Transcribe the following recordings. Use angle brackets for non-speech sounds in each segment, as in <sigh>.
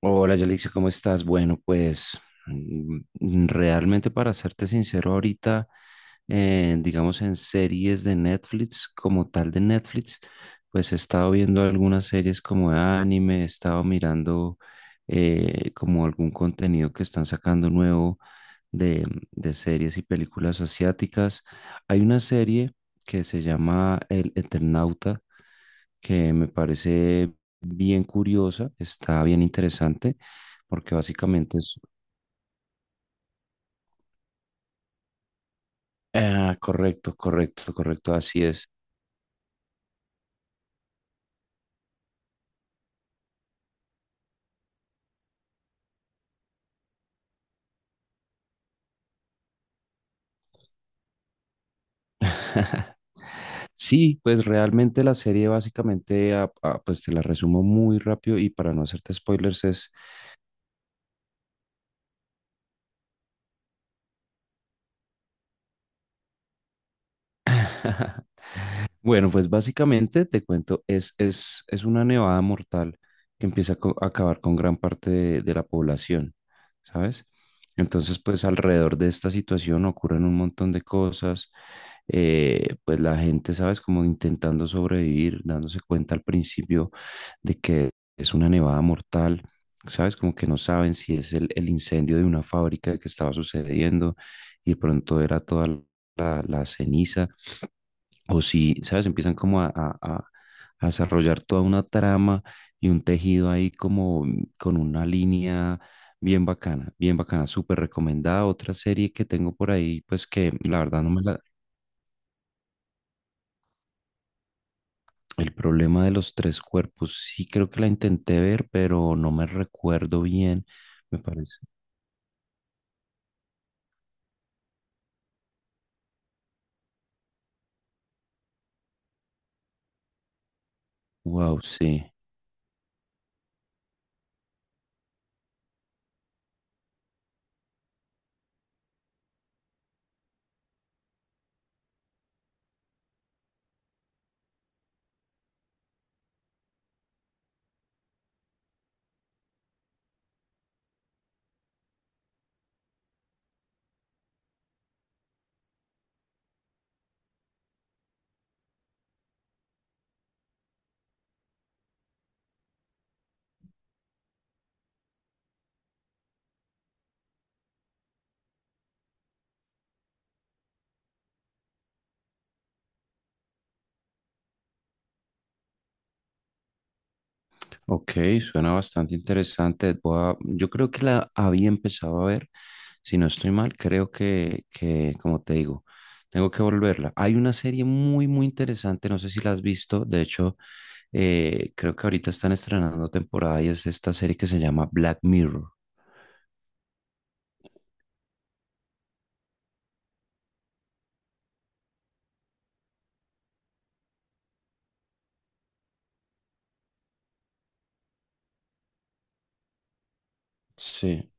Hola, Yalixia, ¿cómo estás? Bueno, pues realmente, para serte sincero, ahorita, digamos, en series de Netflix, como tal de Netflix, pues he estado viendo algunas series como de anime. He estado mirando como algún contenido que están sacando nuevo de, de series y películas asiáticas. Hay una serie que se llama El Eternauta, que me parece bien curiosa, está bien interesante, porque básicamente es... Ah, correcto, correcto, correcto, así es. Sí, pues realmente la serie básicamente, pues te la resumo muy rápido y para no hacerte spoilers es... Bueno, pues básicamente te cuento, es una nevada mortal que empieza a a acabar con gran parte de la población, ¿sabes? Entonces, pues alrededor de esta situación ocurren un montón de cosas. Pues la gente, ¿sabes?, como intentando sobrevivir, dándose cuenta al principio de que es una nevada mortal, ¿sabes? Como que no saben si es el incendio de una fábrica que estaba sucediendo y de pronto era toda la ceniza, o si, ¿sabes?, empiezan como a desarrollar toda una trama y un tejido ahí como con una línea bien bacana, súper recomendada. Otra serie que tengo por ahí, pues que la verdad no me la... El problema de los tres cuerpos, sí, creo que la intenté ver, pero no me recuerdo bien, me parece. Wow, sí. Ok, suena bastante interesante. Voy a... yo creo que la había empezado a ver. Si no estoy mal, creo que, como te digo, tengo que volverla. Hay una serie muy, muy interesante, no sé si la has visto. De hecho, creo que ahorita están estrenando temporada y es esta serie que se llama Black Mirror. Sí,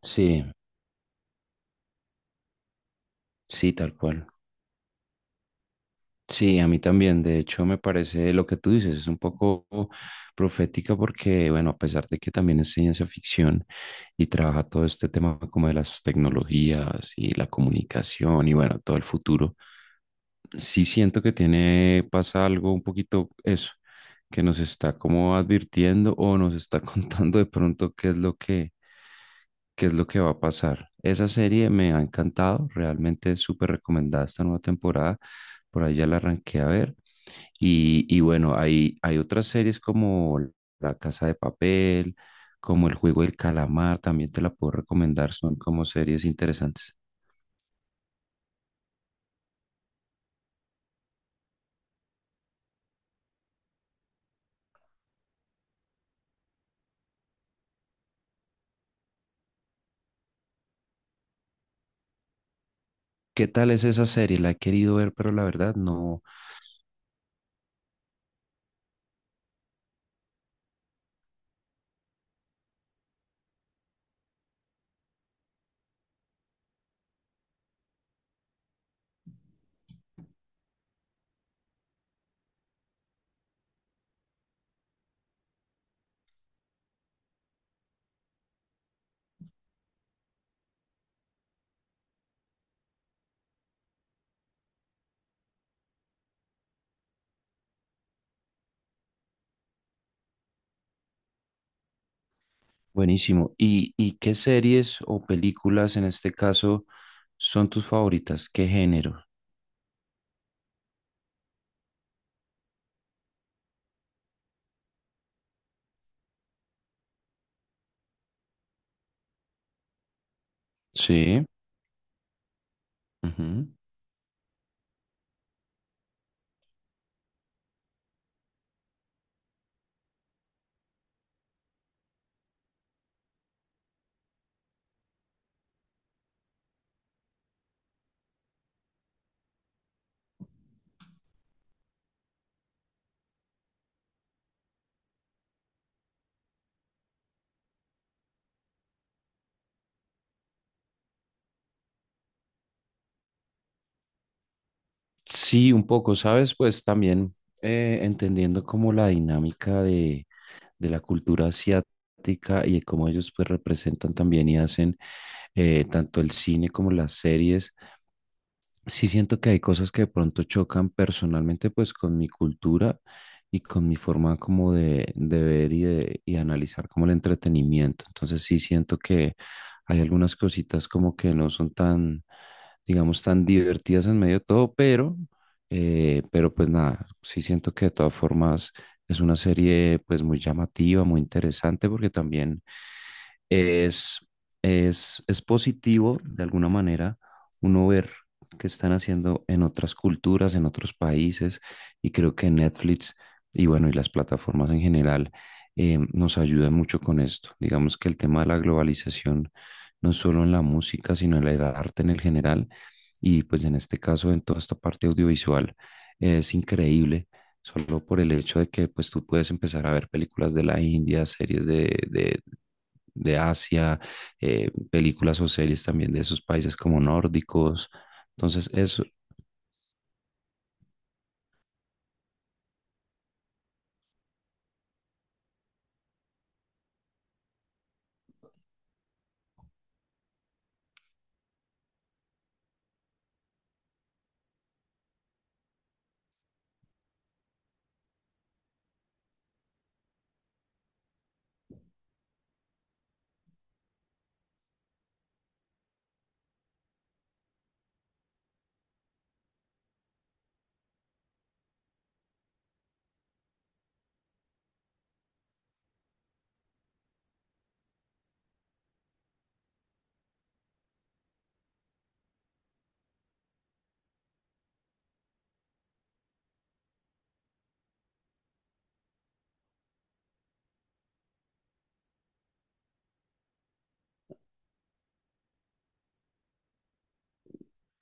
sí, sí, tal cual. Sí, a mí también. De hecho, me parece, lo que tú dices, es un poco profética porque, bueno, a pesar de que también es ciencia ficción y trabaja todo este tema como de las tecnologías y la comunicación y, bueno, todo el futuro, sí siento que tiene, pasa algo un poquito eso, que nos está como advirtiendo o nos está <laughs> contando de pronto qué es lo qué es lo que va a pasar. Esa serie me ha encantado, realmente es súper recomendada esta nueva temporada. Por ahí ya la arranqué a ver. Y bueno, hay otras series como La Casa de Papel, como El Juego del Calamar, también te la puedo recomendar, son como series interesantes. ¿Qué tal es esa serie? La he querido ver, pero la verdad no. Buenísimo. Y qué series o películas en este caso son tus favoritas? ¿Qué género? Sí. Ujú. Sí, un poco, ¿sabes? Pues también, entendiendo como la dinámica de la cultura asiática y de cómo ellos pues representan también y hacen, tanto el cine como las series. Sí siento que hay cosas que de pronto chocan personalmente pues con mi cultura y con mi forma como de ver y de y analizar como el entretenimiento. Entonces sí siento que hay algunas cositas como que no son tan, digamos, tan divertidas en medio de todo, pero pues nada, sí siento que de todas formas es una serie pues muy llamativa, muy interesante, porque también es, es positivo de alguna manera uno ver qué están haciendo en otras culturas, en otros países, y creo que Netflix y bueno, y las plataformas en general, nos ayudan mucho con esto. Digamos que el tema de la globalización, no solo en la música, sino en el arte en el general, y pues en este caso en toda esta parte audiovisual, es increíble solo por el hecho de que pues tú puedes empezar a ver películas de la India, series de Asia, películas o series también de esos países como nórdicos. Entonces, eso,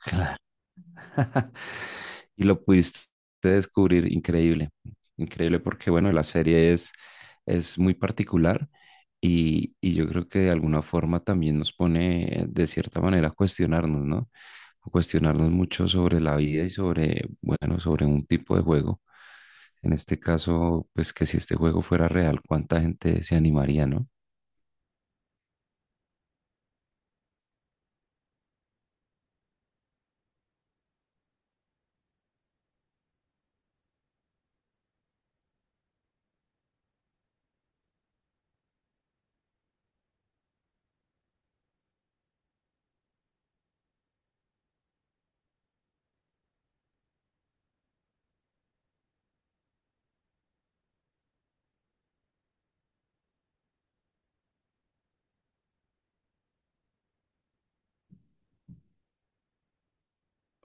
<laughs> <laughs> y lo pudiste descubrir, increíble, increíble, porque, bueno, la serie es muy particular y yo creo que de alguna forma también nos pone, de cierta manera, a cuestionarnos, ¿no? A cuestionarnos mucho sobre la vida y sobre, bueno, sobre un tipo de juego. En este caso, pues, que si este juego fuera real, ¿cuánta gente se animaría, no?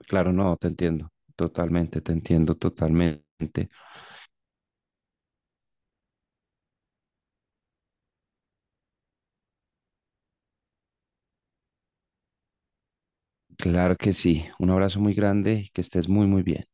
Claro, no, te entiendo totalmente, te entiendo totalmente. Claro que sí. Un abrazo muy grande y que estés muy, muy bien.